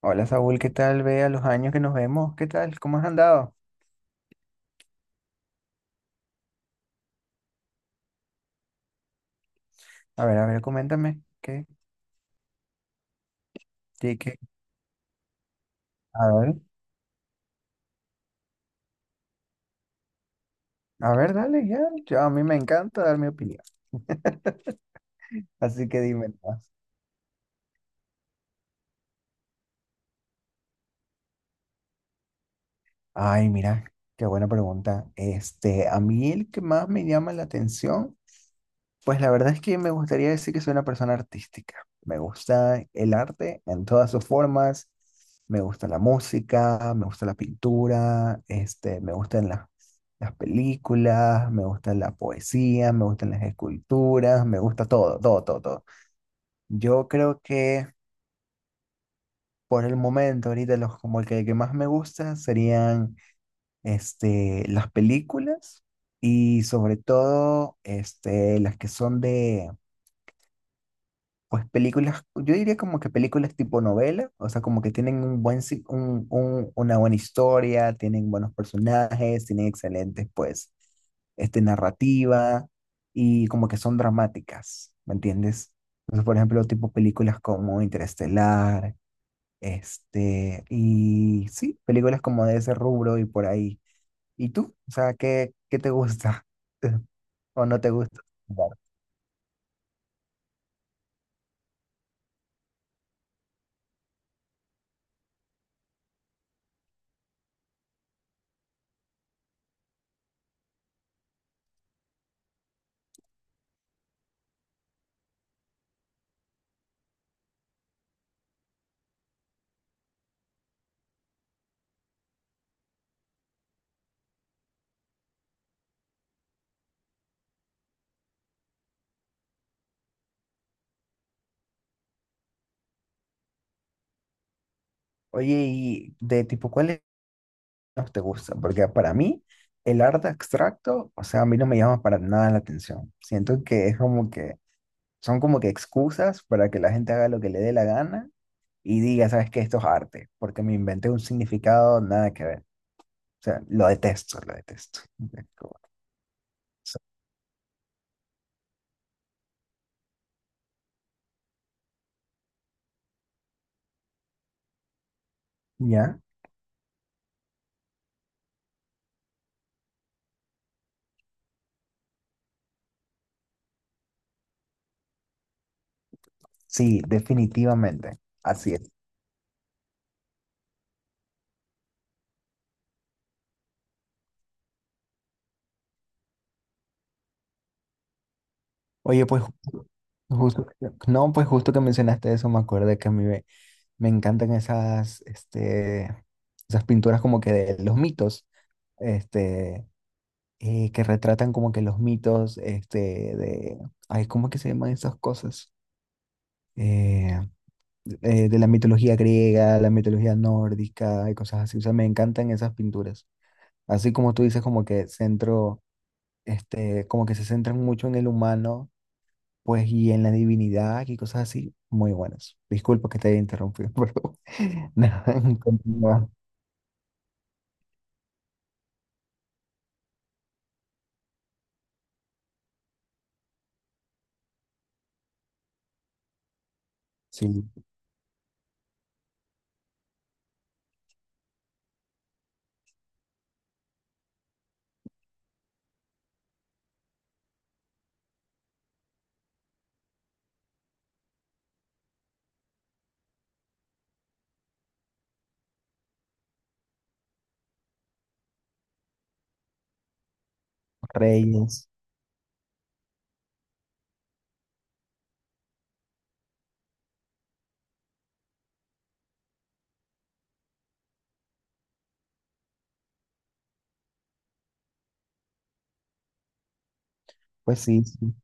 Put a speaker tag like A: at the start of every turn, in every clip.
A: Hola Saúl, ¿qué tal? Ve a los años que nos vemos, ¿qué tal? ¿Cómo has andado? A ver, coméntame. ¿Qué? Sí, ¿qué? A ver, a ver, dale, ya. A mí me encanta dar mi opinión. Así que dime más. Ay, mira, qué buena pregunta. A mí el que más me llama la atención. Pues la verdad es que me gustaría decir que soy una persona artística. Me gusta el arte en todas sus formas. Me gusta la música, me gusta la pintura, me gustan las películas, me gusta la poesía, me gustan las esculturas, me gusta todo, todo, todo, todo. Yo creo que por el momento, ahorita los como que más me gusta serían las películas, y sobre todo las que son de... Pues películas, yo diría como que películas tipo novela, o sea, como que tienen un buen, una buena historia, tienen buenos personajes, tienen excelentes, pues, narrativa, y como que son dramáticas, ¿me entiendes? Entonces, por ejemplo, tipo películas como Interestelar, y sí, películas como de ese rubro y por ahí. ¿Y tú? O sea, ¿qué, qué te gusta? ¿O no te gusta? Oye, y de tipo, ¿cuál no te gusta? Porque para mí el arte abstracto, o sea, a mí no me llama para nada la atención. Siento que es como que son como que excusas para que la gente haga lo que le dé la gana y diga, ¿sabes qué? Esto es arte, porque me inventé un significado nada que ver. O sea, lo detesto, lo detesto. Es como- ¿Ya? Sí, definitivamente. Así es. Oye, pues justo, no, pues justo que mencionaste eso, me acordé que a mí me encantan esas, esas pinturas como que de los mitos, este, que retratan como que los mitos, de, ay, ¿cómo es que se llaman esas cosas? Eh, de la mitología griega, la mitología nórdica y cosas así. O sea, me encantan esas pinturas. Así como tú dices, como que centro, como que se centran mucho en el humano, pues, y en la divinidad y cosas así. Muy buenas. Disculpa que te haya interrumpido, pero nada, continúa. Sí, Reyes. Pues sí, sí.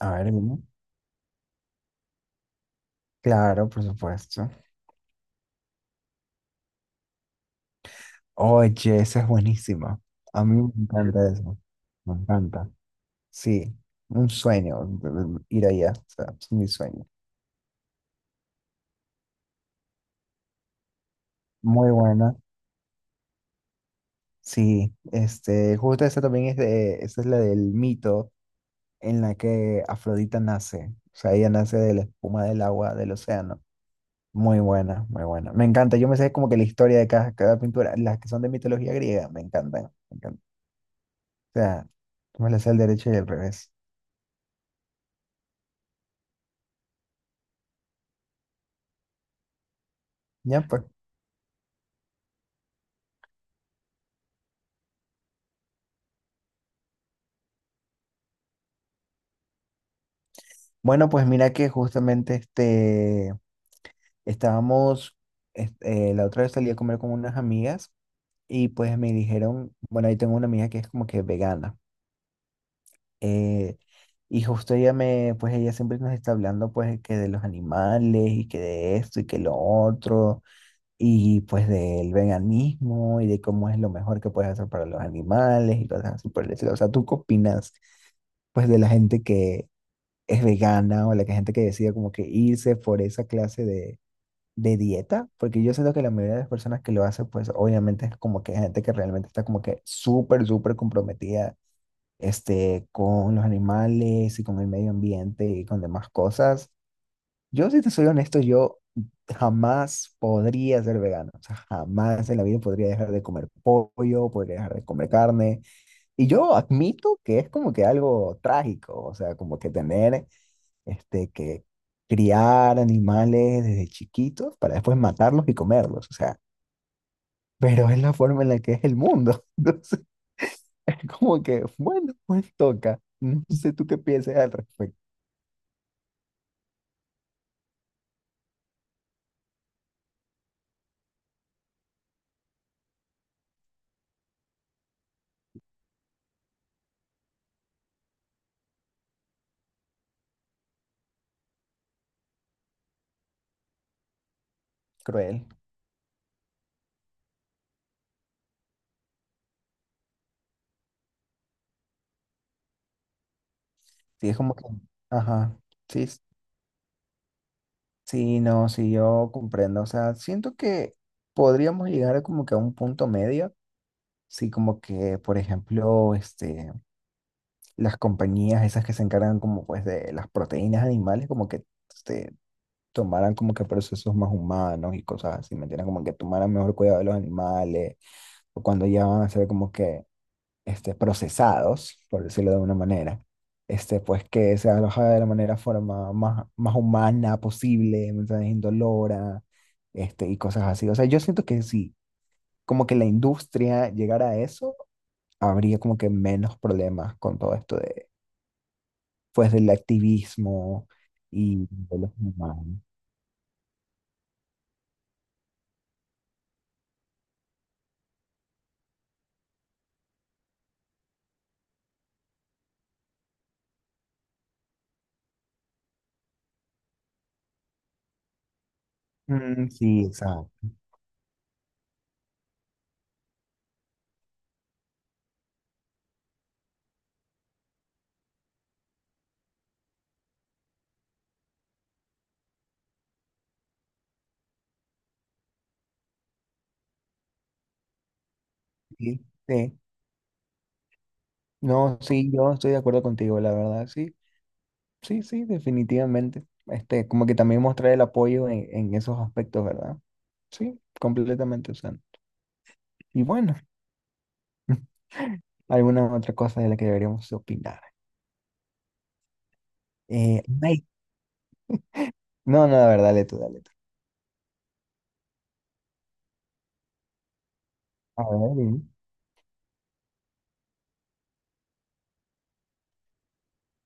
A: A ver, dime. Claro, por supuesto. Oye, esa es buenísima. A mí me encanta eso. Me encanta. Sí, un sueño ir allá. O sea, es mi sueño. Muy buena. Sí, justo esa también es de, esa es la del mito en la que Afrodita nace. O sea, ella nace de la espuma del agua del océano. Muy buena, muy buena. Me encanta. Yo me sé como que la historia de cada, cada pintura, las que son de mitología griega, me encantan. Me encantan. O sea, yo me las sé al derecho y al revés. Ya, pues. Bueno, pues mira que justamente estábamos, la otra vez salí a comer con unas amigas y pues me dijeron, bueno, ahí tengo una amiga que es como que vegana. eh, y justo ella me, pues ella siempre nos está hablando pues que de los animales y que de esto y que lo otro, y pues del veganismo y de cómo es lo mejor que puedes hacer para los animales y cosas así por el estilo. O sea, ¿tú qué opinas pues de la gente que es vegana o gente que decide como que irse por esa clase de dieta? Porque yo siento que la mayoría de las personas que lo hacen pues obviamente es como que gente que realmente está como que súper, súper comprometida, con los animales y con el medio ambiente y con demás cosas. Yo, si te soy honesto, yo jamás podría ser vegano. O sea, jamás en la vida podría dejar de comer pollo, podría dejar de comer carne. Y yo admito que es como que algo trágico, o sea, como que tener que criar animales desde chiquitos para después matarlos y comerlos. O sea, pero es la forma en la que es el mundo. Entonces, es como que, bueno, pues toca. No sé tú qué piensas al respecto. Cruel. Sí, es como que, ajá, sí, sí, no, sí, yo comprendo. O sea, siento que podríamos llegar a como que a un punto medio. Sí, como que, por ejemplo, las compañías esas que se encargan como pues de las proteínas animales, como que este, tomaran como que procesos más humanos y cosas así, ¿me entiendes? Como que tomaran mejor cuidado de los animales, o cuando ya van a hacer como que procesados, por decirlo de una manera, pues que se aloja de la manera forma más, más humana posible, mensajes indolora, y cosas así. O sea, yo siento que si como que la industria llegara a eso, habría como que menos problemas con todo esto de, pues, del activismo y de los humanos. Mm, sí, exacto. Sí, sí. No, sí, yo estoy de acuerdo contigo, la verdad, sí. Sí, sí, definitivamente. Como que también mostrar el apoyo en esos aspectos, ¿verdad? Sí, completamente. O sea, y bueno, alguna otra cosa de la que deberíamos opinar. Eh, ay, no, no, la verdad, dale tú, dale tú. A ver, dime.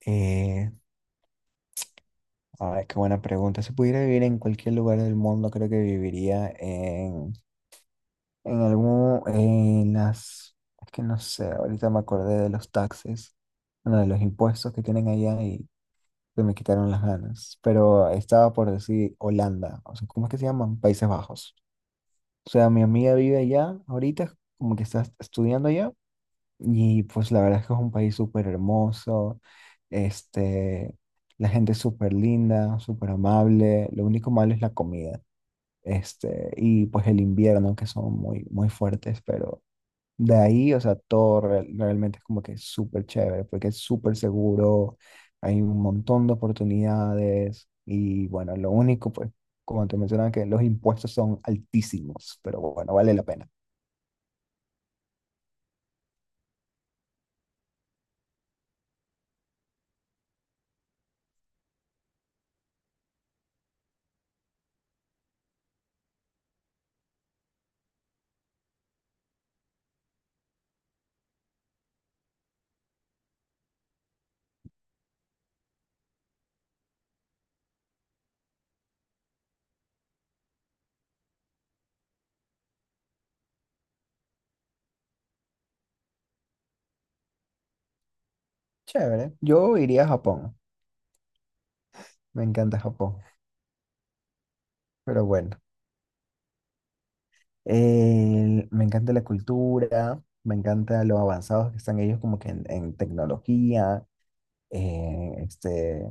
A: eh, a ver, qué buena pregunta. Si pudiera vivir en cualquier lugar del mundo, creo que viviría en algún, en las, es que no sé, ahorita me acordé de los taxes, bueno, de los impuestos que tienen allá, se me quitaron las ganas, pero estaba por decir Holanda, o sea, ¿cómo es que se llaman? Países Bajos. O sea, mi amiga vive allá ahorita, como que está estudiando allá, y pues la verdad es que es un país súper hermoso, este, la gente es súper linda, súper amable, lo único malo es la comida, y pues el invierno, que son muy, muy fuertes, pero... De ahí, o sea, todo realmente es como que es súper chévere, porque es súper seguro, hay un montón de oportunidades y bueno, lo único, pues, como te mencionaba, que los impuestos son altísimos, pero bueno, vale la pena. Chévere, yo iría a Japón, me encanta Japón, pero bueno, me encanta la cultura, me encanta lo avanzados que están ellos como que en tecnología, eh, este,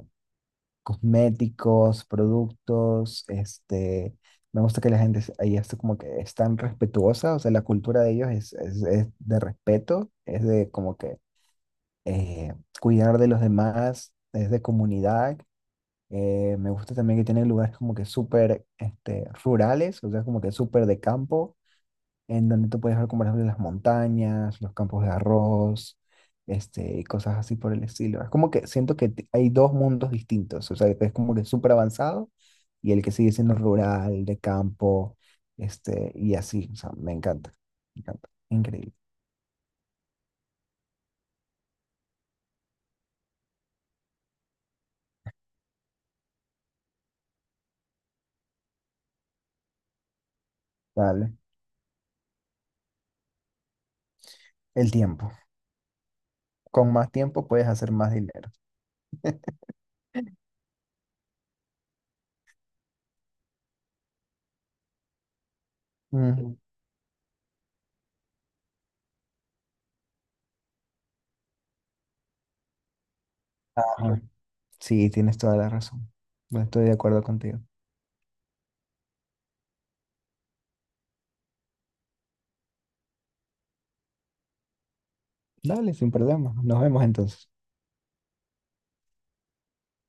A: cosméticos, productos, me gusta que ahí está como que es tan respetuosa, o sea, la cultura de ellos es de respeto, es de como que eh, cuidar de los demás, es de comunidad. Me gusta también que tienen lugares como que súper rurales, o sea, como que súper de campo, en donde tú puedes ver, como por ejemplo, las montañas, los campos de arroz, y cosas así por el estilo. Es como que siento que hay dos mundos distintos, o sea, es como que súper avanzado y el que sigue siendo rural, de campo, y así, o sea, me encanta, increíble. Dale, el tiempo. Con más tiempo puedes hacer más dinero. Ujú. Ajá. Sí, tienes toda la razón. No, estoy de acuerdo contigo. Dale, sin problema. Nos vemos entonces.